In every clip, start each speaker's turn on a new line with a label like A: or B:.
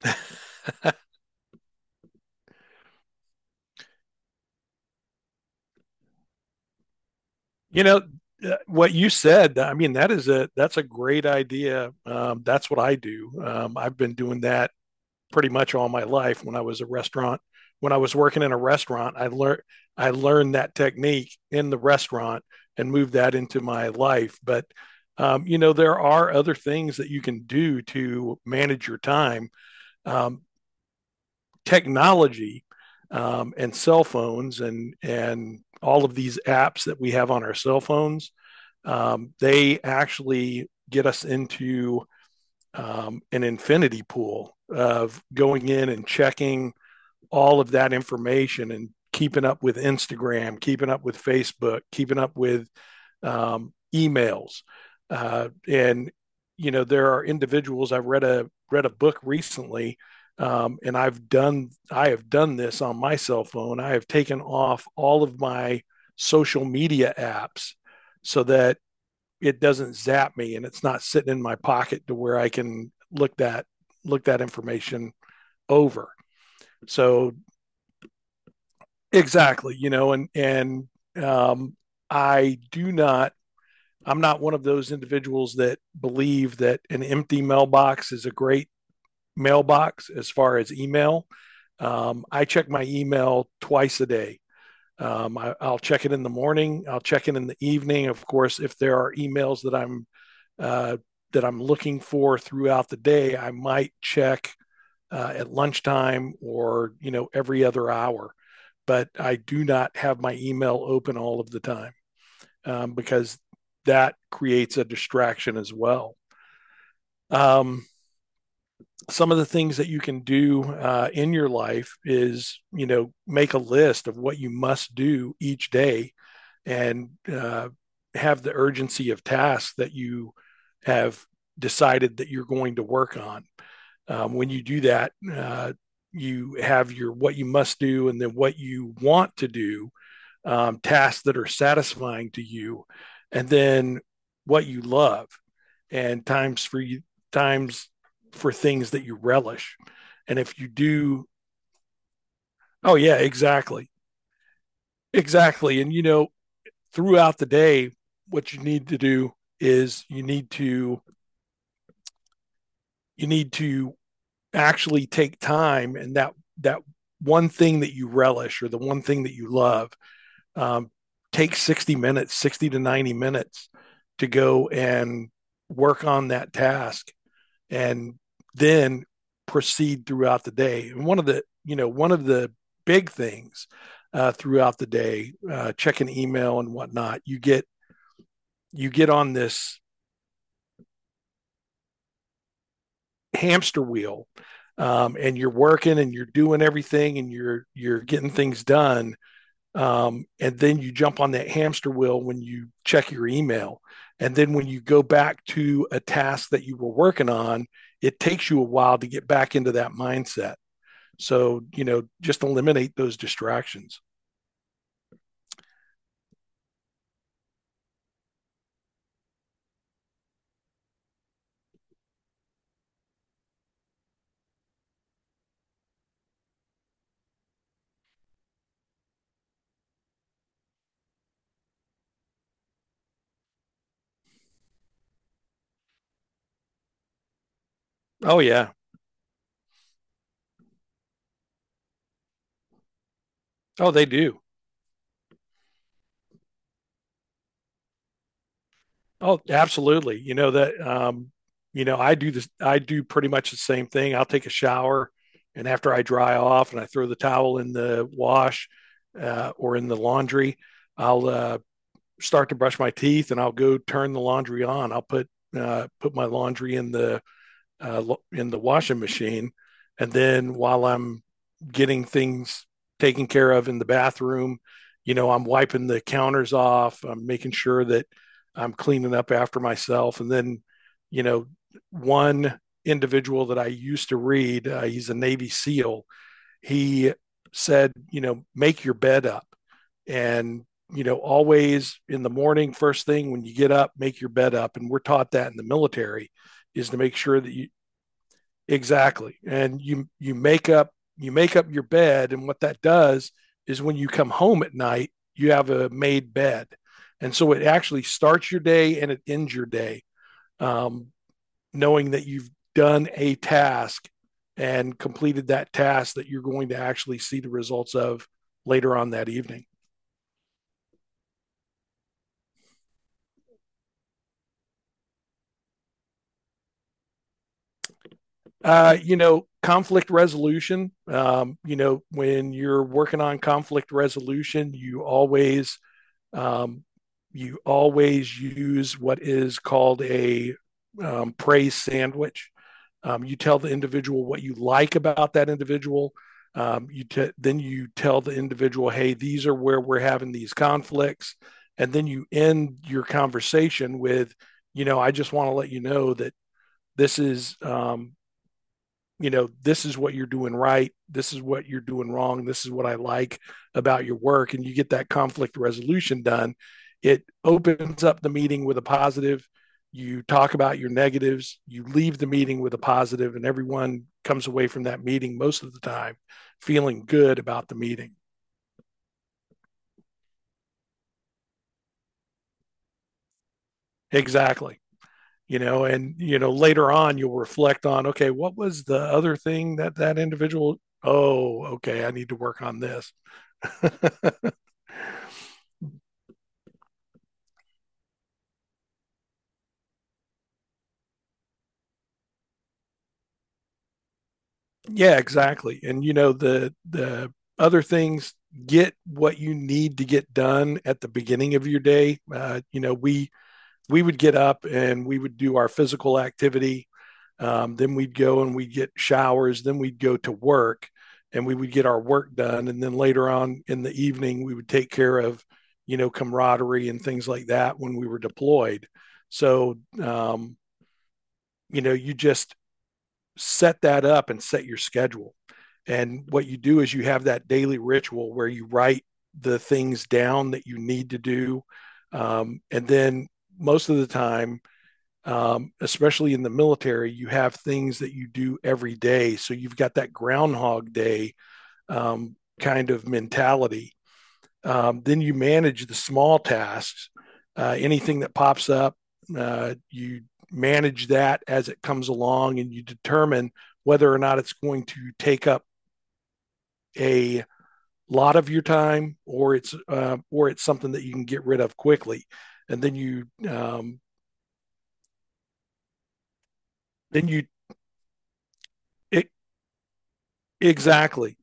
A: You know, what you said, I mean that is a that's a great idea. That's what I do. I've been doing that pretty much all my life when I was a restaurant when I was working in a restaurant. I learned that technique in the restaurant and moved that into my life. But you know, there are other things that you can do to manage your time. Um, Technology and cell phones and all of these apps that we have on our cell phones, they actually get us into an infinity pool of going in and checking all of that information and keeping up with Instagram, keeping up with Facebook, keeping up with emails. And you know, there are individuals. I've read a read a book recently, and I have done this on my cell phone. I have taken off all of my social media apps so that it doesn't zap me and it's not sitting in my pocket to where I can look that information over. So exactly, you know, and um, I do not. I'm not one of those individuals that believe that an empty mailbox is a great mailbox as far as email. I check my email twice a day. Will check it in the morning. I'll check it in the evening. Of course, if there are emails uh, that I'm looking for throughout the day, I might check at lunchtime, or you know, every other hour. But I do not have my email open all of the time, because that creates a distraction as well. Um, some of the things that you can do in your life is, you know, make a list of what you must do each day, and have the urgency of tasks that you have decided that you're going to work on. When you do that, you have your what you must do, and then what you want to do, tasks that are satisfying to you, and then what you love, and times for you, times for things that you relish. And if you do, oh yeah, exactly, exactly. And you know, throughout the day, what you need to do is you need to actually take time. And that one thing that you relish, or the one thing that you love, um, take 60 to 90 minutes to go and work on that task, and then proceed throughout the day. And one of the big things, throughout the day, checking email and whatnot, you get on this hamster wheel. And you're working and you're doing everything, and you're getting things done. And then you jump on that hamster wheel when you check your email, and then when you go back to a task that you were working on, it takes you a while to get back into that mindset. So you know, just eliminate those distractions. Oh yeah. Oh, they do. Oh, absolutely. You know that, you know, I do this. I do pretty much the same thing. I'll take a shower, and after I dry off and I throw the towel in the wash, or in the laundry, I'll start to brush my teeth, and I'll go turn the laundry on. I'll put my laundry in the uh, washing machine. And then while I'm getting things taken care of in the bathroom, you know, I'm wiping the counters off, I'm making sure that I'm cleaning up after myself. And then, you know, one individual that I used to read, he's a Navy SEAL, he said, you know, make your bed up. And you know, always in the morning, first thing when you get up, make your bed up. And we're taught that in the military, is to make sure that you— exactly. And you make up you make up your bed. And what that does is when you come home at night, you have a made bed. And so it actually starts your day, and it ends your day. Um, Knowing that you've done a task and completed that task, that you're going to actually see the results of later on that evening. You know, conflict resolution. You know, when you're working on conflict resolution, you always— Um, you always use what is called a praise sandwich. You tell the individual what you like about that individual. Then you tell the individual, "Hey, these are where we're having these conflicts," and then you end your conversation with, "You know, I just want to let you know that this is, you know, this is what you're doing right. This is what you're doing wrong. This is what I like about your work." And you get that conflict resolution done. It opens up the meeting with a positive. You talk about your negatives. You leave the meeting with a positive, and everyone comes away from that meeting most of the time feeling good about the meeting. Exactly. You know, and you know, later on you'll reflect on, okay, what was the other thing that individual— oh, okay, I need to work on this. Yeah, exactly. And you know, the other things— get what you need to get done at the beginning of your day. You know, we would get up and we would do our physical activity. Then we'd go and we'd get showers. Then we'd go to work and we would get our work done. And then later on in the evening, we would take care of, you know, camaraderie and things like that, when we were deployed. So, you know, you just set that up and set your schedule. And what you do is you have that daily ritual where you write the things down that you need to do. And then most of the time, especially in the military, you have things that you do every day. So you've got that Groundhog Day kind of mentality. Then you manage the small tasks, anything that pops up, you manage that as it comes along, and you determine whether or not it's going to take up a lot of your time, or it's something that you can get rid of quickly. And then you, then you it, exactly,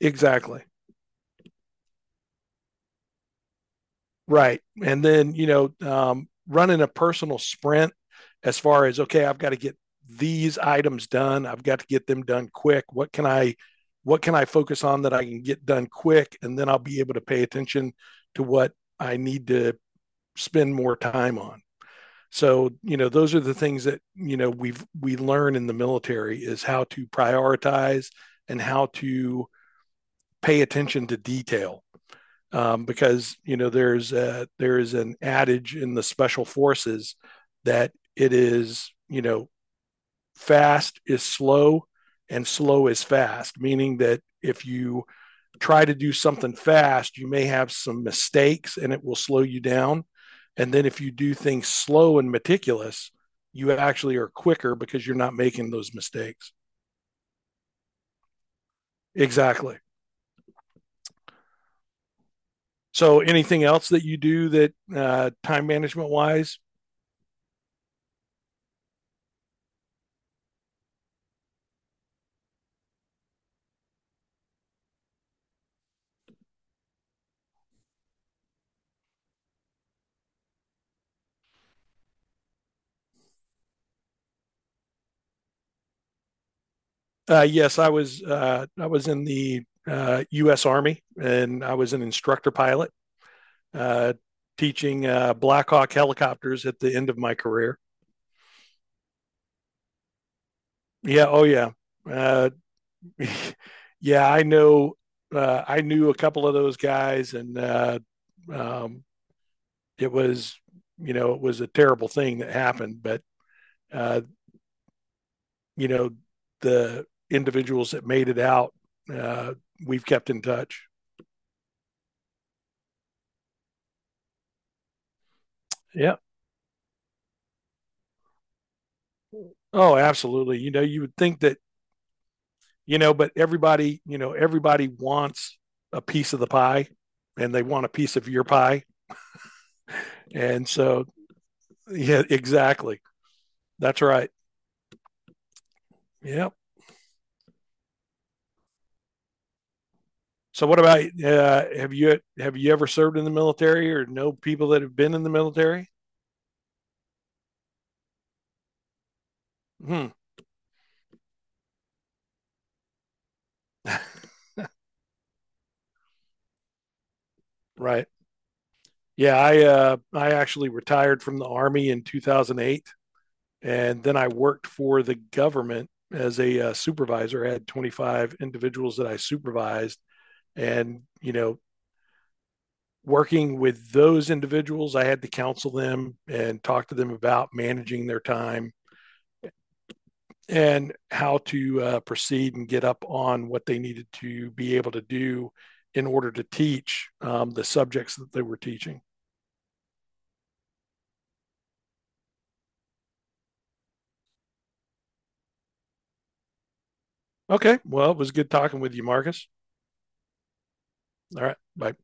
A: exactly. Right. And then, you know, running a personal sprint, as far as, okay, I've got to get these items done. I've got to get them done quick. What can I focus on that I can get done quick? And then I'll be able to pay attention to what I need to spend more time on. So, you know, those are the things that, you know, we learn in the military, is how to prioritize and how to pay attention to detail, because you know there is an adage in the special forces, that it is, you know, fast is slow and slow is fast, meaning that if you try to do something fast, you may have some mistakes and it will slow you down. And then if you do things slow and meticulous, you actually are quicker because you're not making those mistakes. Exactly. So anything else that you do that, time management wise? Yes, I was in the U.S. Army, and I was an instructor pilot, uh, teaching Black Hawk helicopters at the end of my career. Yeah, oh yeah, uh, yeah. I know. I knew a couple of those guys, and um, it was, you know, it was a terrible thing that happened. But uh, you know, the individuals that made it out, uh, we've kept in touch. Yeah. Oh, absolutely. You know, you would think that, you know, but everybody, you know, everybody wants a piece of the pie, and they want a piece of your pie. And so, yeah, exactly. That's right. Yeah. So what about, have you ever served in the military, or know people that have been in the military? Hmm, right. Yeah, I actually retired from the army in 2008, and then I worked for the government as a supervisor. I had 25 individuals that I supervised. And you know, working with those individuals, I had to counsel them and talk to them about managing their time, and how to proceed and get up on what they needed to be able to do in order to teach the subjects that they were teaching. Okay. Well, it was good talking with you, Marcus. All right. Bye.